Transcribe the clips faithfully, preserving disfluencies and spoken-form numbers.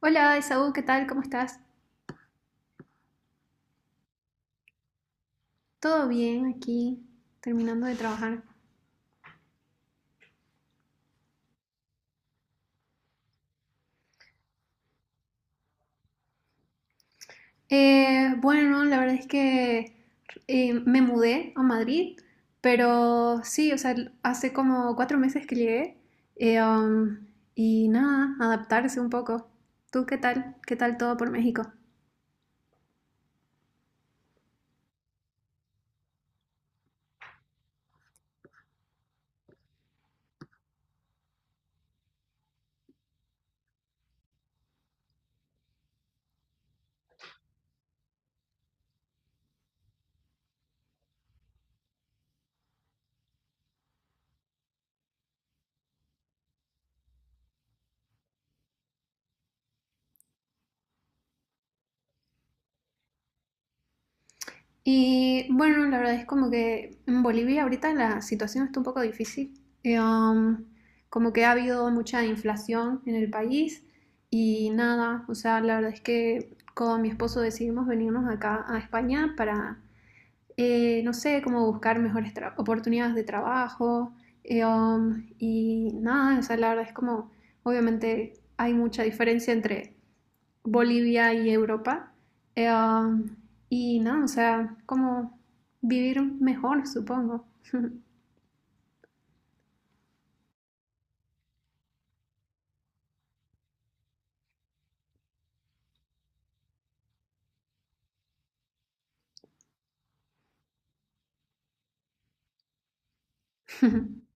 Hola, Esaú, ¿qué tal? ¿Cómo estás? ¿Todo bien aquí? Terminando de trabajar. Eh, bueno, la verdad es que eh, me mudé a Madrid, pero sí, o sea, hace como cuatro meses que llegué eh, um, y nada, adaptarse un poco. ¿Tú qué tal? ¿Qué tal todo por México? Y bueno, la verdad es como que en Bolivia ahorita la situación está un poco difícil. Eh, um, Como que ha habido mucha inflación en el país y nada, o sea, la verdad es que con mi esposo decidimos venirnos acá a España para, eh, no sé, como buscar mejores tra- oportunidades de trabajo. Eh, um, y nada, o sea, la verdad es como, obviamente hay mucha diferencia entre Bolivia y Europa. Eh, um, y no, o sea, como vivir mejor, supongo.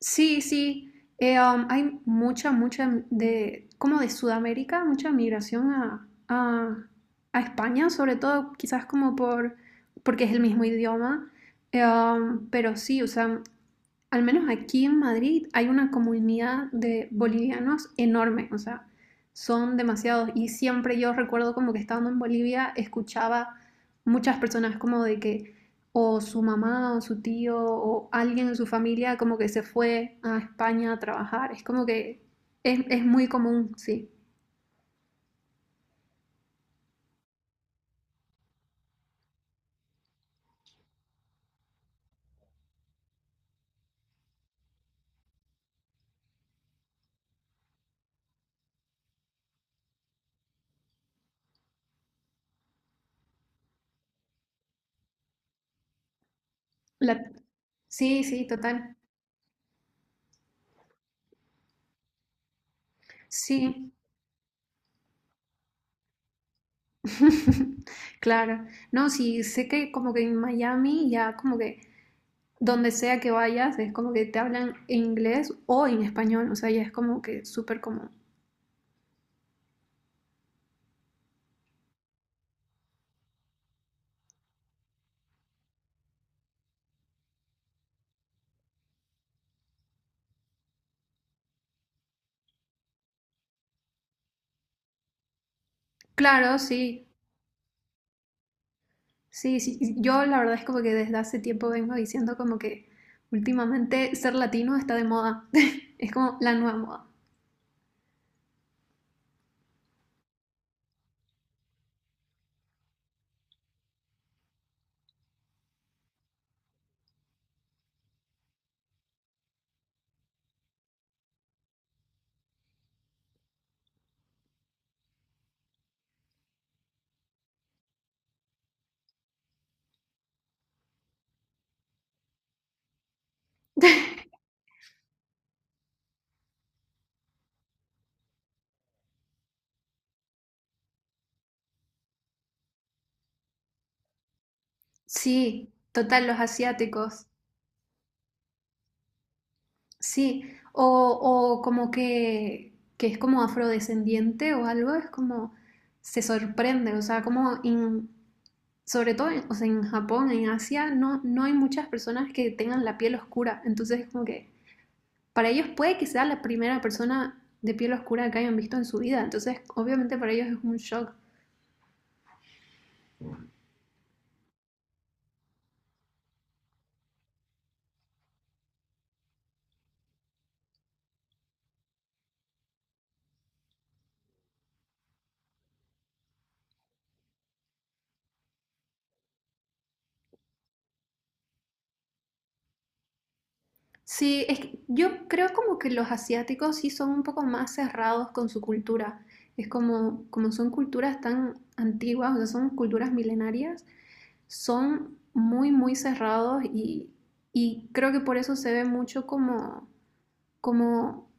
Sí, sí. Eh, um, hay mucha, mucha de, como de Sudamérica, mucha migración a, a, a España, sobre todo quizás como por, porque es el mismo idioma. Eh, um, pero sí, o sea, al menos aquí en Madrid, hay una comunidad de bolivianos enorme, o sea, son demasiados. Y siempre yo recuerdo como que estando en Bolivia escuchaba muchas personas como de que o su mamá o su tío o alguien en su familia como que se fue a España a trabajar. Es como que es, es muy común, sí. La- Sí, sí, total. Sí. Claro. No, sí, sé que como que en Miami ya como que donde sea que vayas, es como que te hablan en inglés o en español, o sea, ya es como que súper común. Claro, sí, sí, sí, yo la verdad es como que desde hace tiempo vengo diciendo como que últimamente ser latino está de moda, es como la nueva moda. Sí, total, los asiáticos, sí, o, o como que, que es como afrodescendiente o algo, es como se sorprende, o sea, como in- sobre todo, o sea, en Japón, en Asia, no, no hay muchas personas que tengan la piel oscura. Entonces, es como que para ellos puede que sea la primera persona de piel oscura que hayan visto en su vida. Entonces, obviamente para ellos es un shock. Sí, es que yo creo como que los asiáticos sí son un poco más cerrados con su cultura. Es como, como son culturas tan antiguas, o sea, son culturas milenarias, son muy, muy cerrados y, y creo que por eso se ve mucho como, como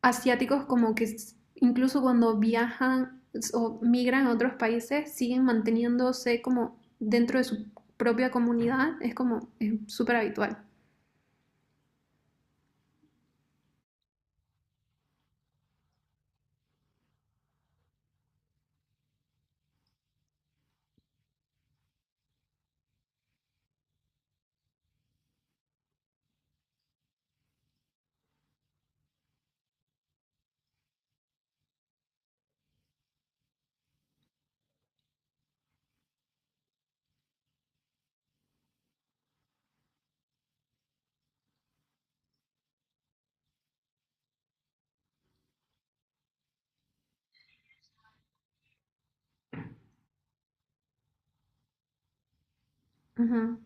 asiáticos como que incluso cuando viajan o migran a otros países siguen manteniéndose como dentro de su propia comunidad, es como es súper habitual. Ujú.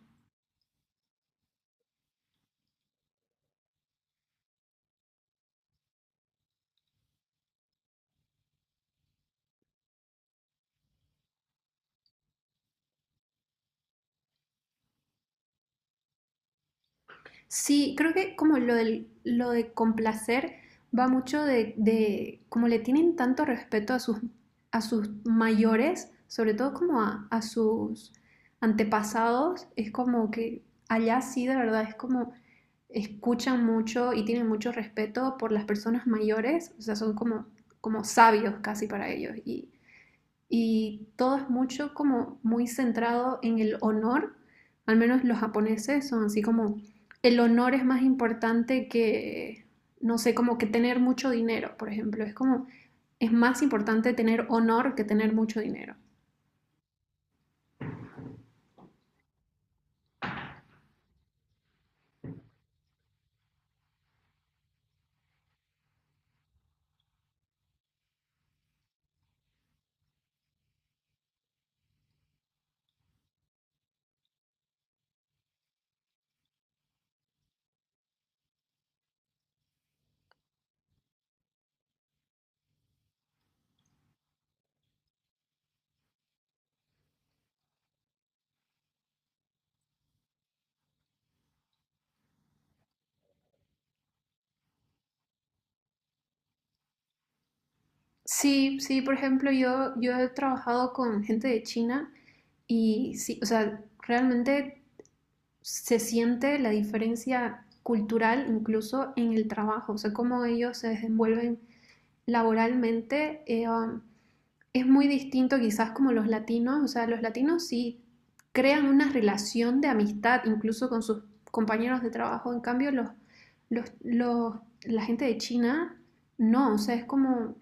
Sí, creo que como lo del- lo de complacer va mucho de, de como le tienen tanto respeto a sus, a sus mayores, sobre todo como a, a sus antepasados, es como que allá sí de verdad es como escuchan mucho y tienen mucho respeto por las personas mayores, o sea, son como, como sabios casi para ellos y y todo es mucho como muy centrado en el honor, al menos los japoneses son así como el honor es más importante que, no sé, como que tener mucho dinero, por ejemplo, es como es más importante tener honor que tener mucho dinero. Sí, sí, por ejemplo, yo, yo he trabajado con gente de China y sí, o sea, realmente se siente la diferencia cultural incluso en el trabajo, o sea, cómo ellos se desenvuelven laboralmente eh, um, es muy distinto quizás como los latinos, o sea, los latinos sí crean una relación de amistad incluso con sus compañeros de trabajo, en cambio los, los, los la gente de China no, o sea, es como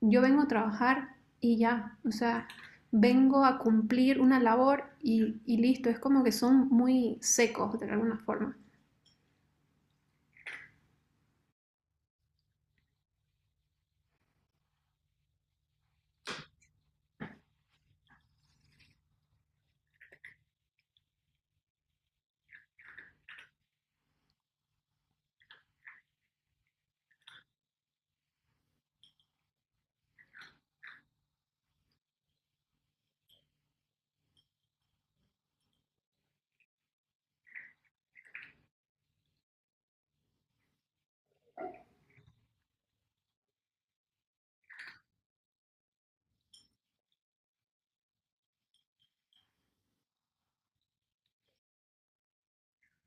yo vengo a trabajar y ya, o sea, vengo a cumplir una labor y, y listo, es como que son muy secos de alguna forma.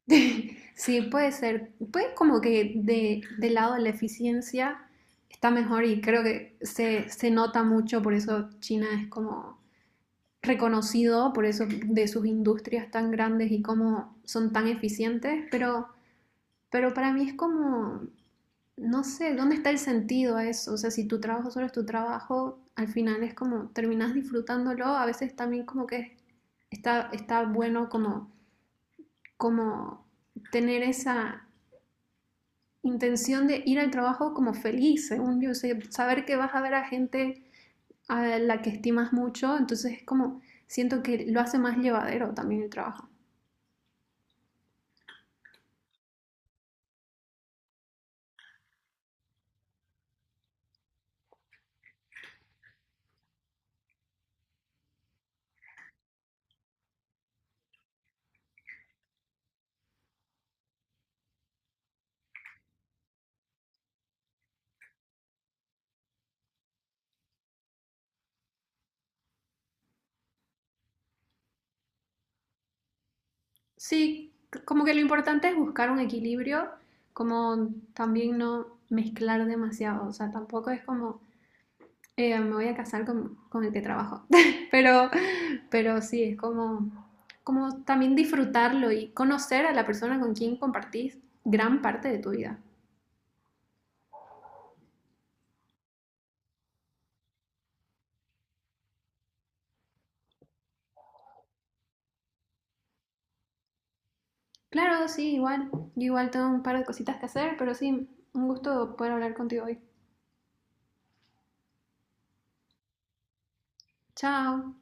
Sí, puede ser. Puede como que de, del lado de la eficiencia está mejor y creo que se, se nota mucho, por eso China es como reconocido, por eso de sus industrias tan grandes y cómo son tan eficientes, pero, pero para mí es como, no sé, ¿dónde está el sentido a eso? O sea, si tu trabajo solo es tu trabajo, al final es como terminas disfrutándolo, a veces también como que está, está bueno como, como tener esa intención de ir al trabajo como feliz, según yo, o sea, saber que vas a ver a gente a la que estimas mucho, entonces es como, siento que lo hace más llevadero también el trabajo. Sí, como que lo importante es buscar un equilibrio, como también no mezclar demasiado, o sea, tampoco es como, eh, me voy a casar con, con el que trabajo, pero, pero sí, es como, como también disfrutarlo y conocer a la persona con quien compartís gran parte de tu vida. Claro, sí, igual. Yo igual tengo un par de cositas que hacer, pero sí, un gusto poder hablar contigo hoy. Chao.